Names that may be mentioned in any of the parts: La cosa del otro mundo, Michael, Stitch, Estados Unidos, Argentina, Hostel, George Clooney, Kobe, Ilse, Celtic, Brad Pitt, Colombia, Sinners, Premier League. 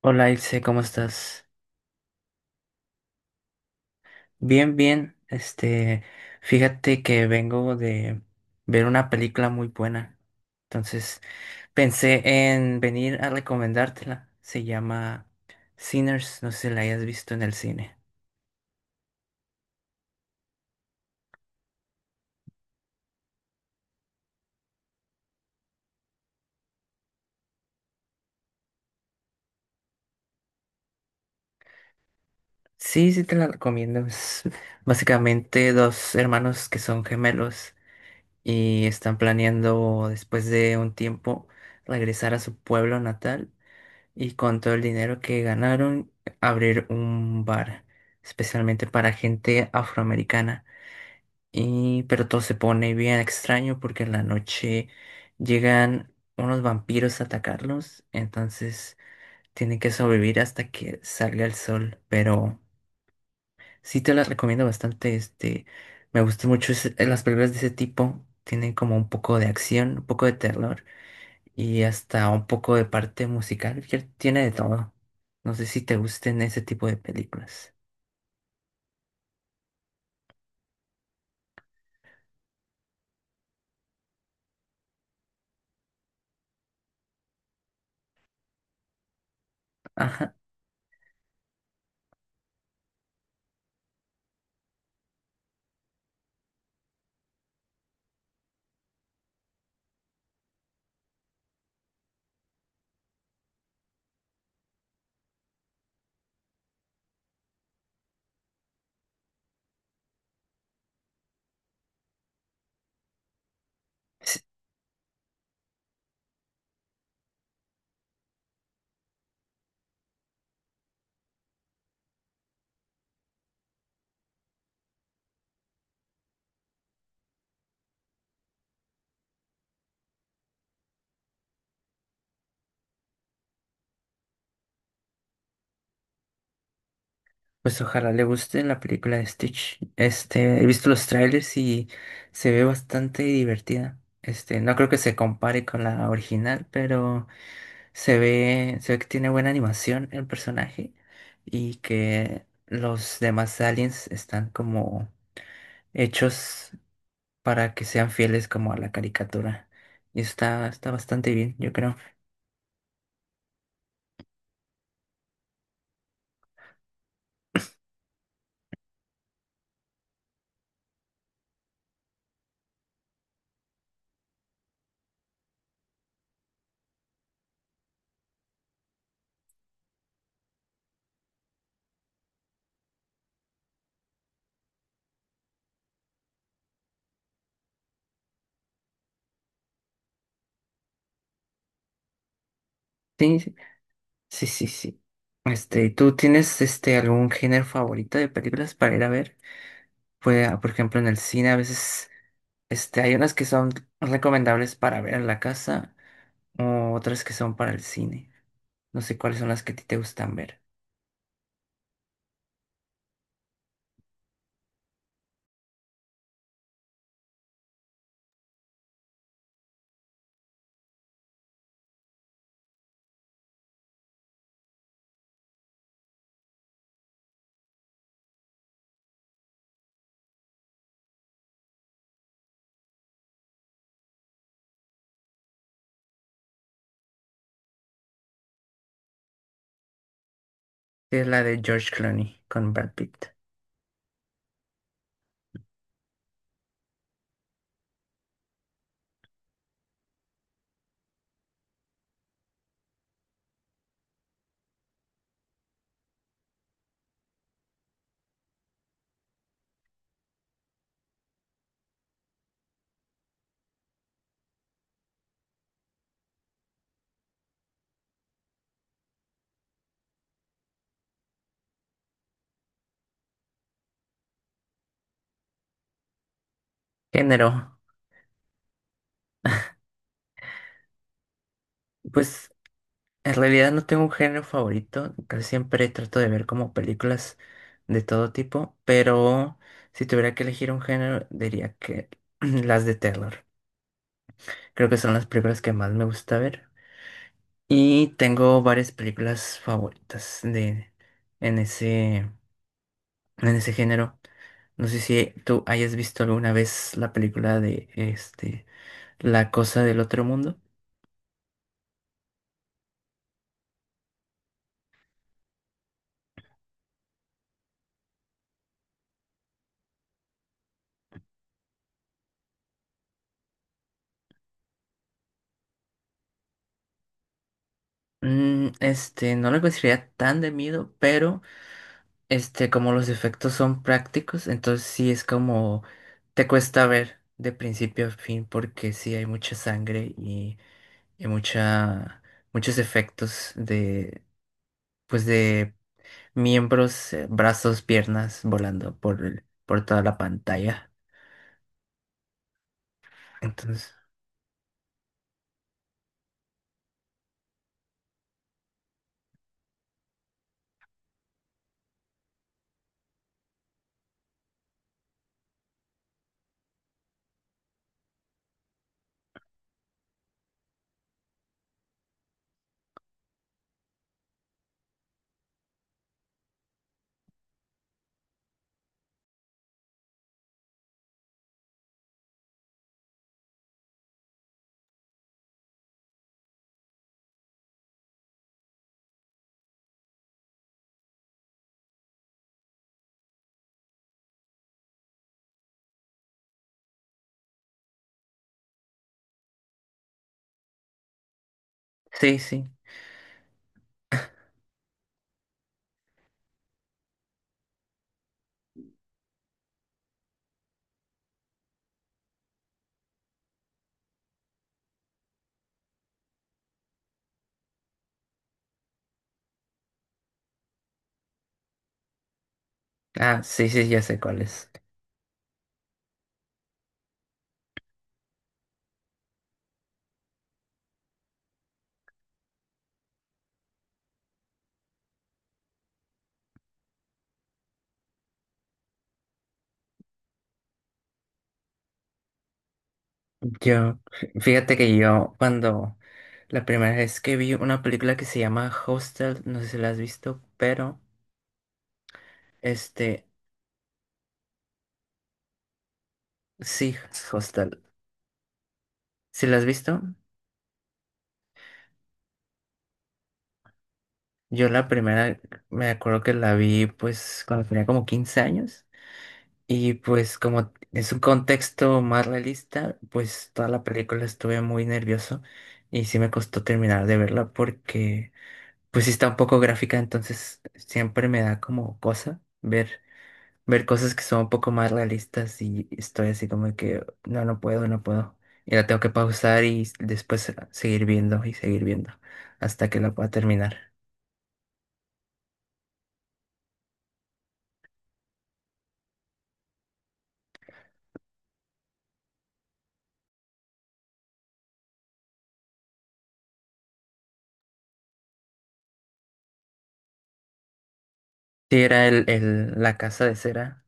Hola Ilse, ¿cómo estás? Bien, bien. Este, fíjate que vengo de ver una película muy buena. Entonces, pensé en venir a recomendártela. Se llama Sinners, no sé si la hayas visto en el cine. Sí, sí te la recomiendo. Es básicamente dos hermanos que son gemelos y están planeando, después de un tiempo, regresar a su pueblo natal y, con todo el dinero que ganaron, abrir un bar, especialmente para gente afroamericana. Y pero todo se pone bien extraño, porque en la noche llegan unos vampiros a atacarlos. Entonces tienen que sobrevivir hasta que salga el sol. Pero sí te las recomiendo bastante. Este, me gustan mucho las películas de ese tipo. Tienen como un poco de acción, un poco de terror y hasta un poco de parte musical, que tiene de todo. No sé si te gusten ese tipo de películas. Ajá. Sí. Pues ojalá le guste la película de Stitch. Este, he visto los trailers y se ve bastante divertida. Este, no creo que se compare con la original, pero se ve que tiene buena animación el personaje y que los demás aliens están como hechos para que sean fieles como a la caricatura. Y está bastante bien, yo creo. Sí, sí, sí, sí, sí. Este, ¿tú tienes este algún género favorito de películas para ir a ver? Pues, por ejemplo, en el cine a veces este, hay unas que son recomendables para ver en la casa o otras que son para el cine. No sé cuáles son las que a ti te gustan ver. Sí, es la de George Clooney con Brad Pitt. Género. Pues, en realidad no tengo un género favorito, casi siempre trato de ver como películas de todo tipo, pero si tuviera que elegir un género diría que las de terror. Creo que son las películas que más me gusta ver y tengo varias películas favoritas de en ese en ese género. No sé si tú hayas visto alguna vez la película de este La cosa del otro mundo. Este, no la consideraría tan de miedo, pero este, como los efectos son prácticos, entonces sí es como te cuesta ver de principio a fin, porque sí hay mucha sangre y mucha, muchos efectos de, pues, de miembros, brazos, piernas volando por por toda la pantalla. Entonces, sí, sí. Ah, sí, sí, ya sé cuál es. Yo, fíjate que yo, cuando la primera vez que vi una película que se llama Hostel, no sé si la has visto, pero... Este, sí, Hostal. ¿Sí la has visto? Yo la primera me acuerdo que la vi pues cuando tenía como 15 años, y pues como es un contexto más realista, pues toda la película estuve muy nervioso y sí me costó terminar de verla, porque pues sí está un poco gráfica. Entonces siempre me da como cosa ver cosas que son un poco más realistas, y estoy así como que no, no puedo, no puedo. Y la tengo que pausar y después, seguir viendo y seguir viendo hasta que la pueda terminar. Sí, era la casa de cera.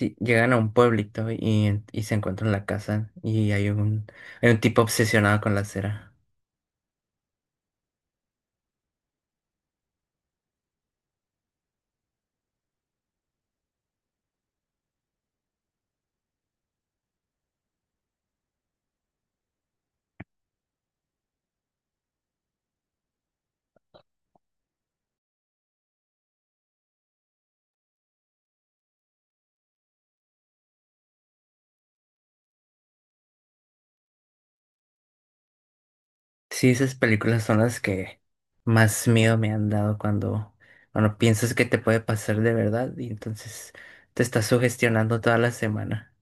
Sí, llegan a un pueblito y se encuentran la casa y hay un tipo obsesionado con la cera. Sí, esas películas son las que más miedo me han dado, cuando piensas que te puede pasar de verdad y entonces te estás sugestionando toda la semana.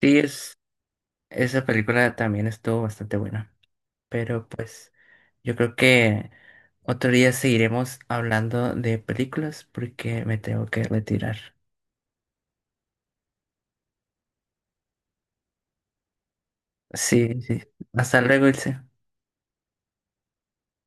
Sí, es esa película también estuvo bastante buena. Pero pues yo creo que otro día seguiremos hablando de películas, porque me tengo que retirar. Sí, sí. Hasta luego, Ilse.